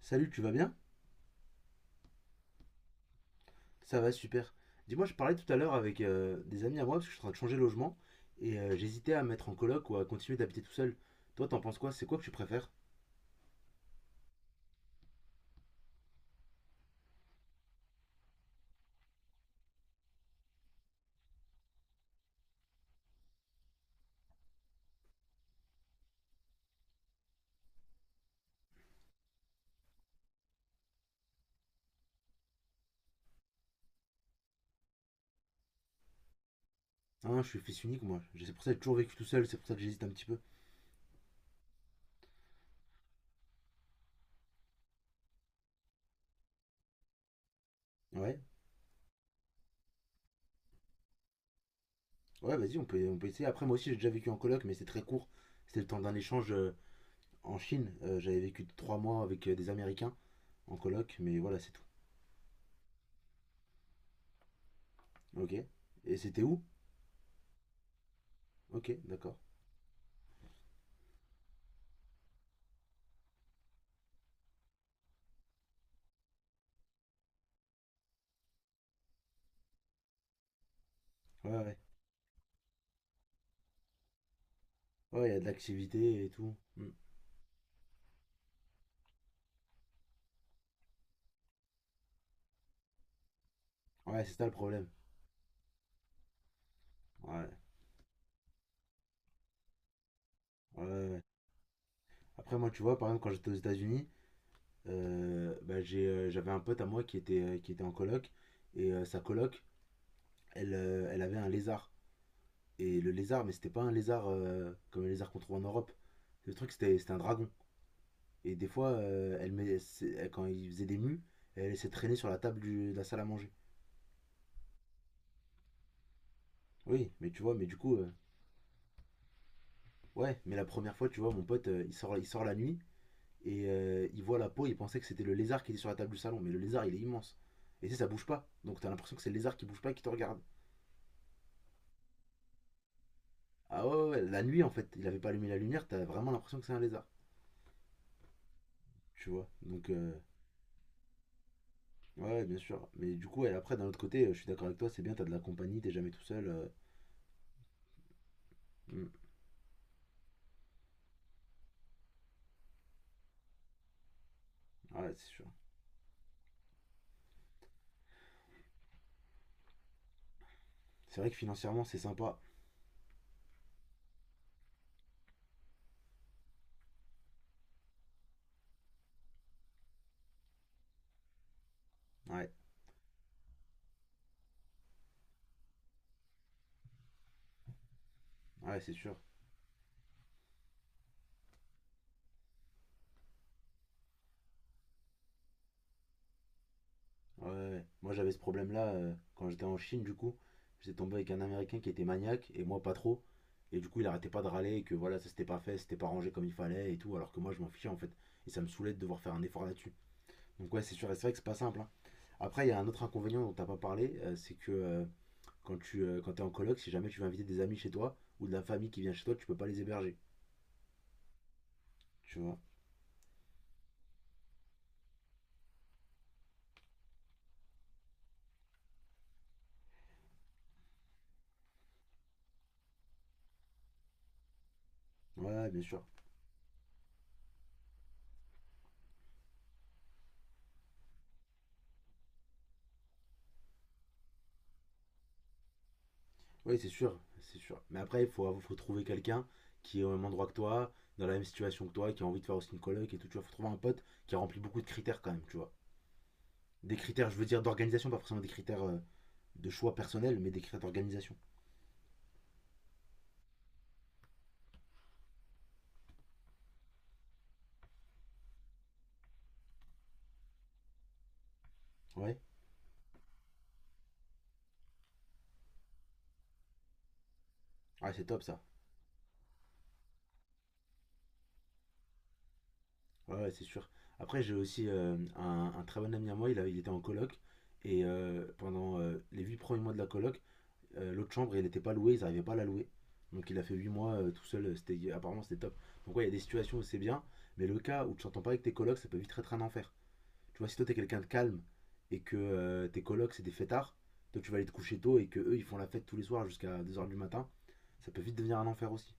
Salut, tu vas bien? Ça va, super. Dis-moi, je parlais tout à l'heure avec des amis à moi parce que je suis en train de changer de logement et j'hésitais à me mettre en coloc ou à continuer d'habiter tout seul. Toi, t'en penses quoi? C'est quoi que tu préfères? Hein, je suis fils unique, moi. C'est pour ça que j'ai toujours vécu tout seul, c'est pour ça que j'hésite un petit peu. Ouais, ouais, vas-y, on peut essayer. Après, moi aussi, j'ai déjà vécu en coloc, mais c'est très court. C'était le temps d'un échange en Chine. J'avais vécu 3 mois avec des Américains en coloc, mais voilà, c'est tout. Ok. Et c'était où? Ok, d'accord. Ouais, ouais. Ouais, il y a de l'activité et tout. Hmm. Ouais, c'est ça le problème. Ouais. Ouais, ouais, ouais. Après, moi, tu vois, par exemple, quand j'étais aux États-Unis, bah, j'avais un pote à moi qui était en coloc. Et sa coloc, elle, elle avait un lézard. Et le lézard, mais c'était pas un lézard comme les lézards qu'on trouve en Europe. Le truc, c'était un dragon. Et des fois, elle, met- c'est- elle- quand il faisait des mues, elle laissait traîner sur la table de la salle à manger. Oui, mais tu vois, mais ouais, mais la première fois, tu vois, mon pote, il sort la nuit. Et il voit la peau, il pensait que c'était le lézard qui était sur la table du salon. Mais le lézard, il est immense. Et tu sais, ça bouge pas. Donc t'as l'impression que c'est le lézard qui bouge pas et qui te regarde. Ah ouais, ouais, la nuit, en fait, il avait pas allumé la lumière, t'as vraiment l'impression que c'est un lézard. Tu vois. Ouais, ouais, bien sûr. Mais du coup, et après, d'un autre côté, je suis d'accord avec toi, c'est bien, t'as de la compagnie, t'es jamais tout seul. Hmm, ouais, c'est sûr. C'est vrai que financièrement, c'est sympa. Ouais, ouais, c'est sûr. Ouais, ouais, ouais. Moi j'avais ce problème-là quand j'étais en Chine, du coup. J'étais tombé avec un Américain qui était maniaque et moi pas trop. Et du coup, il arrêtait pas de râler que voilà, ça s'était pas fait, c'était pas rangé comme il fallait et tout, alors que moi je m'en fichais en fait. Et ça me saoulait de devoir faire un effort là-dessus. Donc, ouais, c'est sûr, et c'est vrai que c'est pas simple, hein. Après, il y a un autre inconvénient dont t'as pas parlé, c'est que quand tu quand t'es en coloc, si jamais tu veux inviter des amis chez toi ou de la famille qui vient chez toi, tu peux pas les héberger. Tu vois? Ouais, bien sûr. Oui, c'est sûr, c'est sûr. Mais après, faut trouver quelqu'un qui est au même endroit que toi, dans la même situation que toi, qui a envie de faire aussi une coloc et tout. Tu vois, faut trouver un pote qui a rempli beaucoup de critères quand même, tu vois. Des critères, je veux dire, d'organisation, pas forcément des critères de choix personnel, mais des critères d'organisation. Ouais, ouais, c'est top ça. Ouais, ouais, c'est sûr. Après, j'ai aussi un très bon ami à moi, il était en coloc. Et pendant les 8 premiers mois de la coloc, l'autre chambre, elle n'était pas louée, ils n'arrivaient pas à la louer. Donc il a fait 8 mois tout seul, apparemment c'était top. Donc ouais, il y a des situations où c'est bien, mais le cas où tu t'entends pas avec tes colocs, ça peut vite être un enfer. Tu vois, si toi t'es quelqu'un de calme et que tes colocs c'est des fêtards, toi tu vas aller te coucher tôt et que eux ils font la fête tous les soirs jusqu'à 2 heures du matin, ça peut vite devenir un enfer aussi.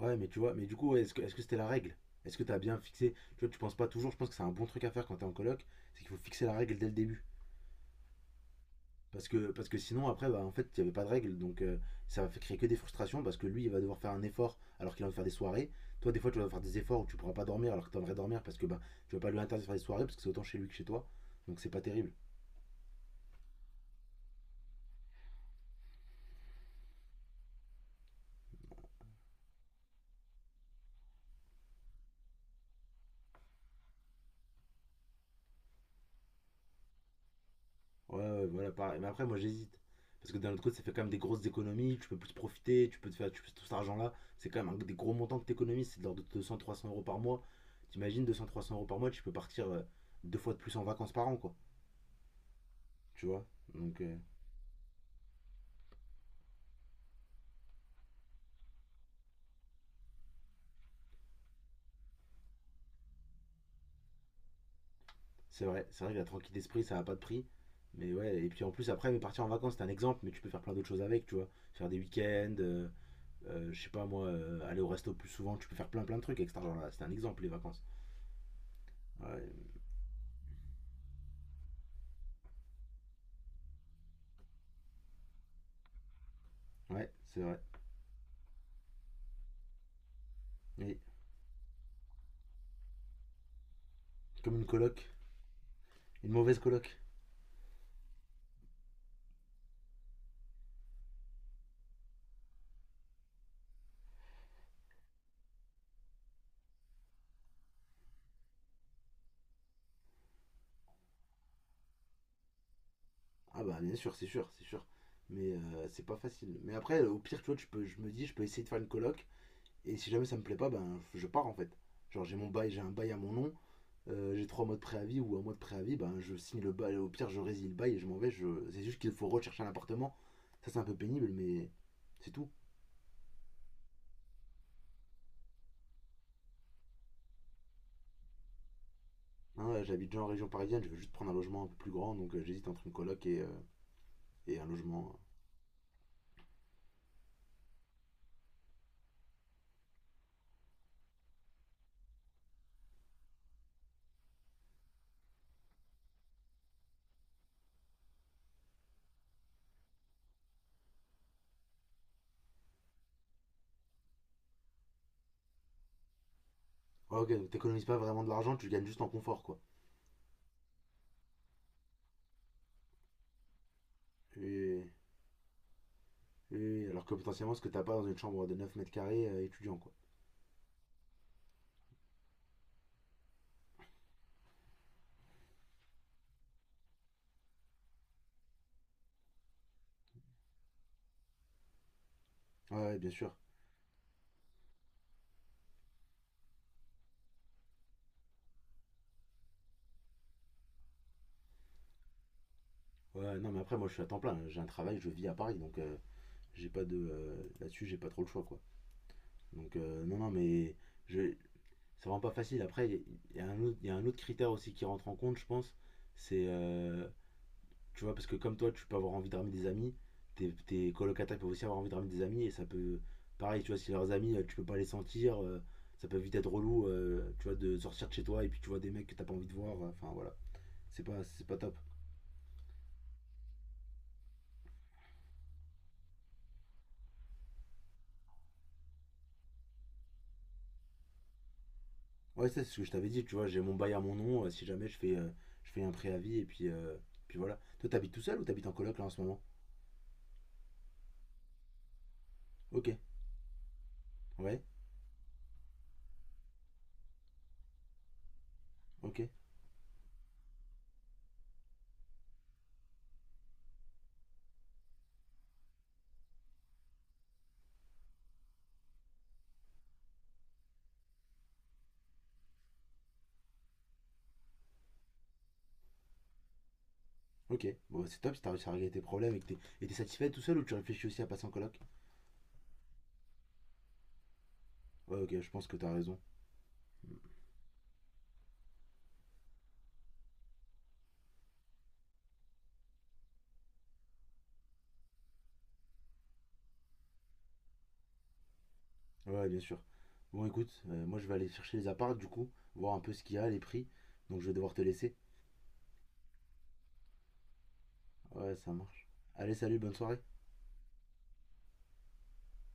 Ouais, mais tu vois, mais du coup, ouais, est-ce que c'était la règle. Est-ce que t'as bien fixé. Tu vois, tu penses pas toujours, je pense que c'est un bon truc à faire quand t'es en coloc, c'est qu'il faut fixer la règle dès le début. Parce que sinon, après, bah, en fait, il n'y avait pas de règles. Ça va créer que des frustrations parce que lui, il va devoir faire un effort alors qu'il va faire des soirées. Toi, des fois, tu vas devoir faire des efforts où tu ne pourras pas dormir alors que tu aimerais dormir parce que bah, tu ne vas pas lui interdire de faire des soirées parce que c'est autant chez lui que chez toi. Donc, c'est pas terrible. Ouais, ouais, voilà, pareil. Mais après, moi, j'hésite. Parce que d'un autre côté, ça fait quand même des grosses économies. Tu peux plus profiter. Tu peux te faire tu peux- tout cet argent-là. C'est quand même des gros montants que tu économises. C'est de l'ordre de 200 à 300 euros par mois. T'imagines 200 à 300 euros par mois, tu peux partir 2 fois de plus en vacances par an, quoi. Tu vois. Donc, euh, c'est vrai que la tranquille d'esprit, ça n'a pas de prix. Mais ouais, et puis en plus, après, mais partir en vacances, c'est un exemple, mais tu peux faire plein d'autres choses avec, tu vois. Faire des week-ends, je sais pas moi, aller au resto plus souvent, tu peux faire plein plein de trucs avec cet argent-là. C'est un exemple, les vacances. Ouais, ouais, c'est vrai. Oui, comme une coloc, une mauvaise coloc. Ah bah, bien sûr, c'est sûr, c'est sûr. Mais c'est pas facile. Mais après, au pire, tu vois, tu peux, je me dis, je peux essayer de faire une coloc, et si jamais ça me plaît pas, ben je pars en fait. Genre, j'ai un bail à mon nom, j'ai 3 mois de préavis ou 1 mois de préavis, ben je signe le bail, au pire je résile le bail et je m'en vais. Je... C'est juste qu'il faut rechercher un appartement. Ça c'est un peu pénible, mais c'est tout. Hein, j'habite déjà en région parisienne, je veux juste prendre un logement un peu plus grand, donc j'hésite entre une coloc et un logement. Ouais, ok, donc t'économises pas vraiment de l'argent, tu gagnes juste en confort quoi. Et, et alors que potentiellement ce que t'as pas dans une chambre de 9 mètres carrés étudiant quoi. Ouais, ouais, bien sûr. Ouais, non mais après moi je suis à temps plein, j'ai un travail, je vis à Paris, donc j'ai pas de... Là-dessus j'ai pas trop le choix quoi. Donc non, non mais... Je, c'est vraiment pas facile. Après, il y, a un autre- y a un autre critère aussi qui rentre en compte, je pense. C'est, euh, tu vois, parce que comme toi, tu peux avoir envie de ramener des amis, tes colocataires peuvent aussi avoir envie de ramener des amis, et ça peut, pareil, tu vois, si leurs amis, tu peux pas les sentir, ça peut vite être relou, tu vois, de sortir de chez toi, et puis tu vois des mecs que t'as pas envie de voir, enfin voilà, c'est pas top. Ouais, ça, c'est ce que je t'avais dit, tu vois, j'ai mon bail à mon nom, si jamais je fais, je fais un préavis, puis voilà. Toi, t'habites tout seul ou t'habites en coloc là en ce moment? Ok, ouais, ok. Ok, bon, c'est top si t'as réussi à régler tes problèmes et que t'es satisfait tout seul ou tu réfléchis aussi à passer en coloc. Ouais, ok, je pense que t'as raison. Ouais, bien sûr. Bon, écoute, moi je vais aller chercher les apparts du coup, voir un peu ce qu'il y a, les prix. Donc je vais devoir te laisser. Ouais, ça marche. Allez, salut, bonne soirée.